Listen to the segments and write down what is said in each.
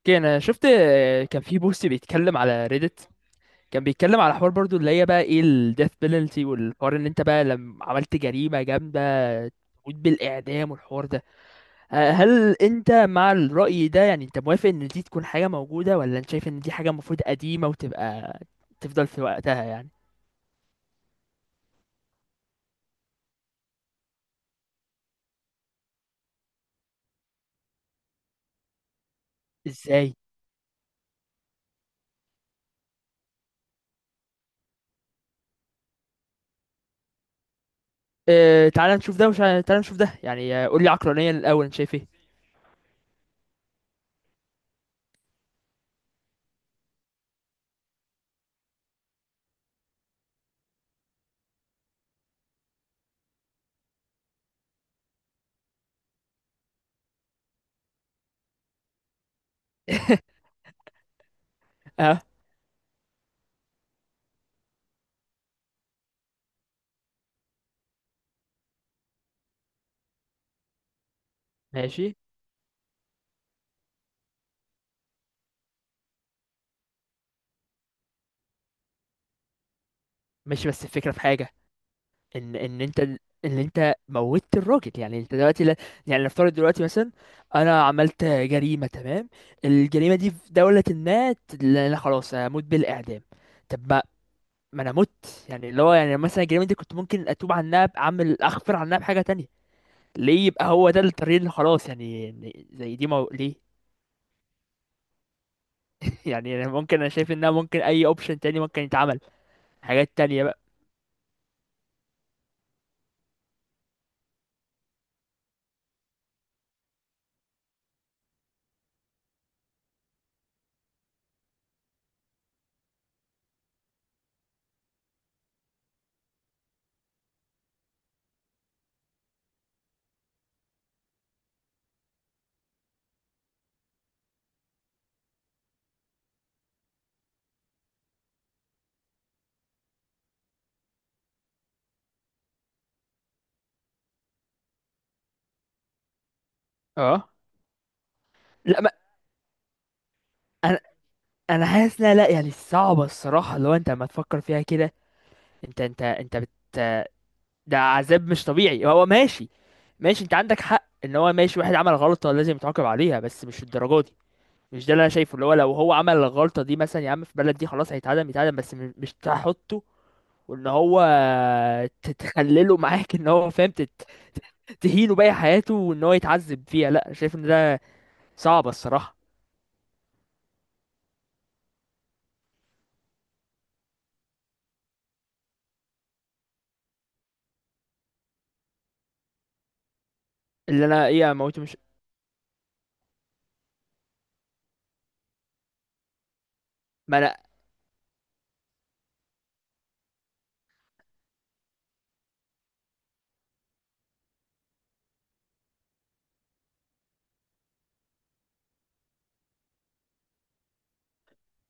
اوكي، انا شفت كان في بوست بيتكلم على ريدت. كان بيتكلم على حوار برضو اللي هي بقى ايه الديث بينالتي، والحوار ان انت بقى لما عملت جريمة جامدة تموت بالاعدام والحوار ده. هل انت مع الرأي ده؟ يعني انت موافق ان دي تكون حاجة موجودة، ولا انت شايف ان دي حاجة المفروض قديمة وتبقى تفضل في وقتها؟ يعني ازاي؟ اه، تعال نشوف ده تعال نشوف ده. يعني قول لي عقلانيا الاول انت شايف ايه؟ اه، ماشي. ماشي، بس الفكرة في حاجة. ان انت، ان انت موتت الراجل، يعني انت دلوقتي لا. يعني نفترض دلوقتي مثلا انا عملت جريمه، تمام، الجريمه دي في دوله ما لا خلاص هموت بالاعدام. طب ما، ما انا مت. يعني اللي هو يعني مثلا الجريمه دي كنت ممكن اتوب عنها، بعمل اغفر عنها بحاجه تانية. ليه يبقى هو ده الطريق اللي خلاص؟ يعني يعني زي دي ليه؟ يعني انا ممكن، انا شايف انها ممكن اي اوبشن تاني ممكن يتعمل، حاجات تانية بقى. اه. لا، ما انا انا حاسس لا لا، يعني صعبه الصراحه لو انت لما تفكر فيها كده. انت بت، ده عذاب مش طبيعي. هو ماشي، ماشي، انت عندك حق ان هو ماشي واحد عمل غلطة لازم يتعاقب عليها، بس مش الدرجة دي. مش ده اللي انا شايفه. اللي هو لو هو عمل الغلطة دي مثلا، يا عم في بلد دي خلاص هيتعدم، يتعدم بس مش تحطه، وان هو تتخلله معاك ان هو فاهم تهينه باقي حياته وان هو يتعذب فيها. لا، شايف ان ده صعب الصراحة. اللي انا ايه، اموته مش، ما انا،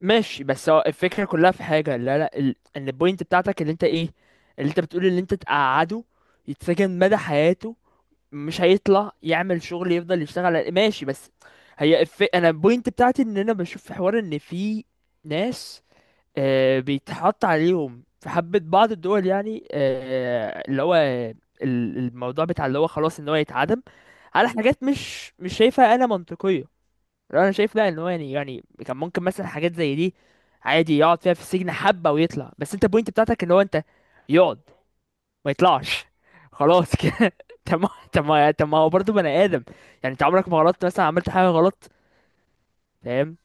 ماشي. بس هو الفكرة كلها في حاجة، لا لا ال... ان البوينت بتاعتك اللي انت ايه، اللي انت بتقول، اللي انت تقعده يتسجن مدى حياته، مش هيطلع، يعمل شغل، يفضل يشتغل على، ماشي. بس هي انا البوينت بتاعتي ان انا بشوف في حوار ان في ناس، آه، بيتحط عليهم في حبة بعض الدول، يعني آه، اللي هو الموضوع بتاع اللي هو خلاص ان هو يتعدم على حاجات مش مش شايفها انا منطقية. لو انا شايف لا ان هو يعني يعني كان ممكن مثلا حاجات زي دي عادي يقعد فيها في السجن حبه ويطلع. بس انت البوينت بتاعتك ان هو انت، يقعد، ما يطلعش، خلاص كده. طب ما هو برضه بني ادم. يعني انت عمرك ما غلطت؟ مثلا عملت حاجه غلط؟ فاهم.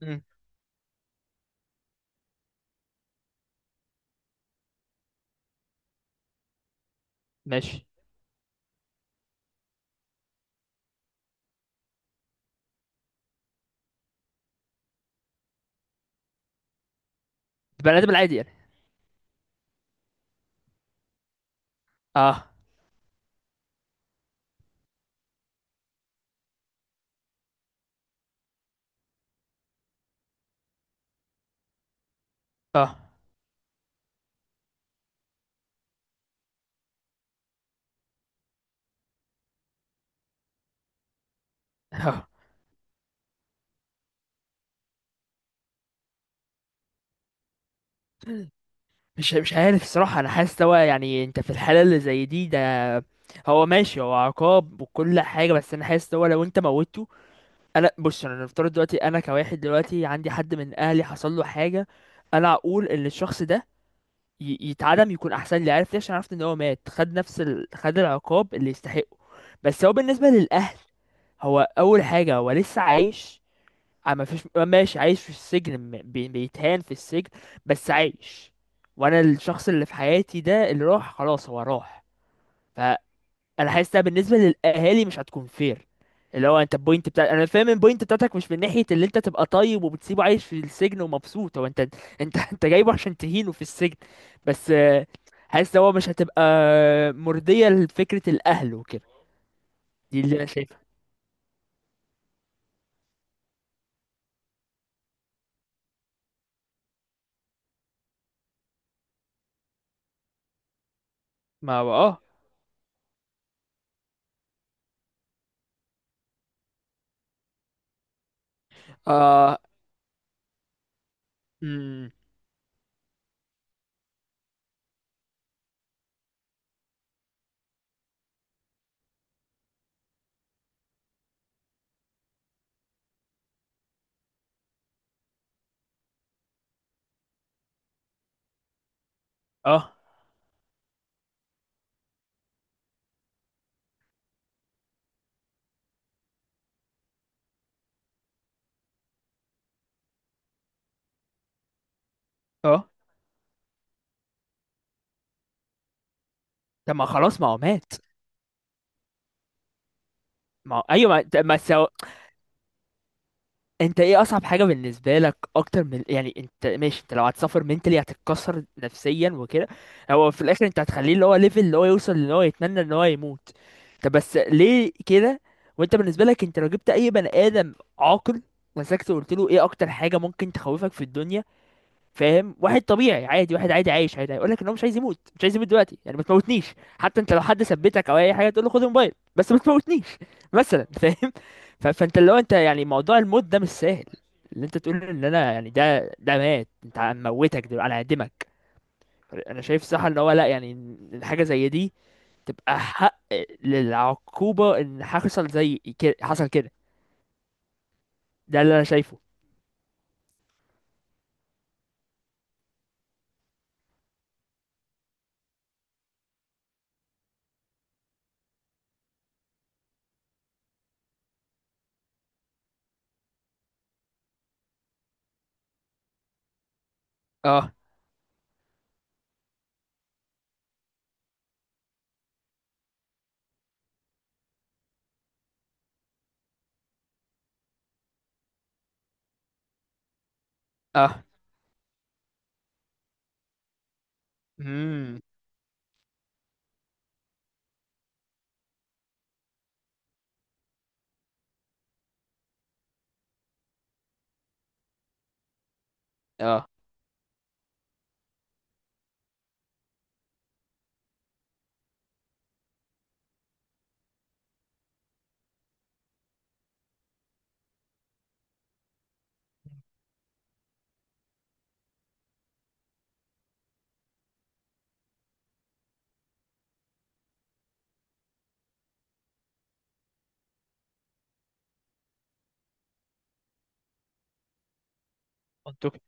مم. ماشي. بني ادم العادي يعني. اه. اه. اه. مش مش عارف الصراحه، انا حاسس هو يعني انت في الحاله اللي زي دي، ده هو ماشي هو عقاب وكل حاجه، بس انا حاسس هو لو انت موته، انا بص، انا نفترض دلوقتي انا كواحد دلوقتي عندي حد من اهلي حصل له حاجه، انا اقول ان الشخص ده يتعدم يكون احسن لي. عارف ليه؟ عشان عرفت ان هو مات، خد نفس خد العقاب اللي يستحقه. بس هو بالنسبه للاهل، هو اول حاجه هو لسه عايش، ما فيش، ماشي عايش في السجن، بيتهان في السجن، بس عايش، وانا الشخص اللي في حياتي ده اللي راح، خلاص هو راح. انا حاسسها بالنسبه للاهالي مش هتكون فير. اللي هو انت البوينت بتاع، انا فاهم البوينت بتاعتك مش من ناحيه اللي انت تبقى طيب وبتسيبه عايش في السجن ومبسوط. هو انت، انت انت جايبه عشان تهينه في السجن، بس حاسس هو مش هتبقى مرضيه لفكره الاهل وكده. دي اللي انا شايفها. ما هو اه. اه. أمم. اه. اه. طب ما خلاص ما هو مات. ما هو ايوه، ما ما سو... انت ايه اصعب حاجه بالنسبه لك، اكتر من يعني انت ماشي انت لو هتسافر منتلي هتتكسر نفسيا وكده؟ هو في الاخر انت هتخليه اللي هو ليفل اللي هو يوصل ان هو يتمنى ان هو يموت. طب بس ليه كده؟ وانت بالنسبه لك، انت لو جبت اي بني ادم عاقل، مسكته وقلت له ايه اكتر حاجه ممكن تخوفك في الدنيا؟ فاهم؟ واحد طبيعي عادي، واحد عادي عايش عادي، هيقول لك ان هو مش عايز يموت، مش عايز يموت دلوقتي. يعني ما تموتنيش، حتى انت لو حد ثبتك او اي حاجه تقول له خد الموبايل بس ما تموتنيش مثلا. فاهم؟ فانت لو انت يعني موضوع الموت ده مش سهل، اللي انت تقول ان انا يعني ده ده مات انت هنموتك دلوقتي، انا هعدمك. انا شايف صح ان هو لا، يعني إن حاجه زي دي تبقى حق للعقوبه ان حصل زي كده حصل كده. ده اللي انا شايفه. اه. اه. امم. اه. منطقي.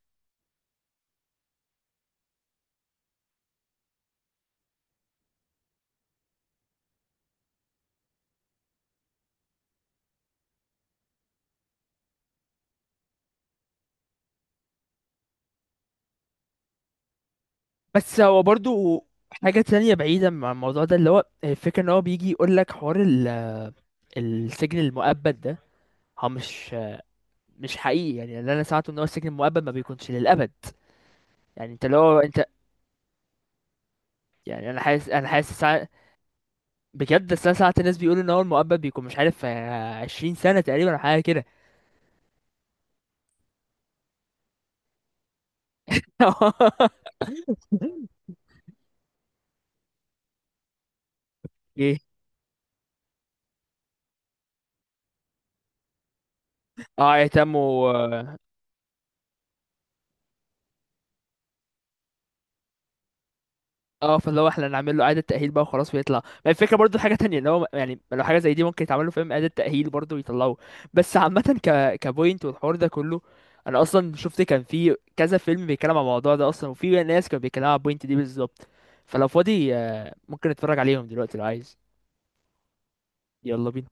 بس هو برضو حاجه تانية بعيده عن الموضوع ده، اللي هو الفكره ان هو بيجي يقول لك حوار السجن المؤبد ده هو مش مش حقيقي. يعني اللي انا سمعته ان هو السجن المؤبد ما بيكونش للابد. يعني انت لو انت، يعني انا حاسس، انا حاسس ساعة... بجد. بس انا ساعات الناس بيقولوا ان هو المؤبد بيكون مش عارف 20 سنه تقريبا أو حاجه كده. ايه. اه يتم و... اه، فاللي هو احنا نعمل له اعاده تاهيل بقى وخلاص ويطلع. ما الفكره برضو حاجه تانية ان هو يعني لو حاجه زي دي ممكن يتعمل له، فاهم، اعاده تاهيل برضو ويطلعوه. بس عامه، ك كبوينت والحوار ده كله، انا اصلا شفت كان في كذا فيلم بيتكلم عن الموضوع ده اصلا، وفي ناس كانوا بيتكلموا عن البوينت دي بالظبط. فلو فاضي ممكن نتفرج عليهم دلوقتي لو عايز. يلا بينا.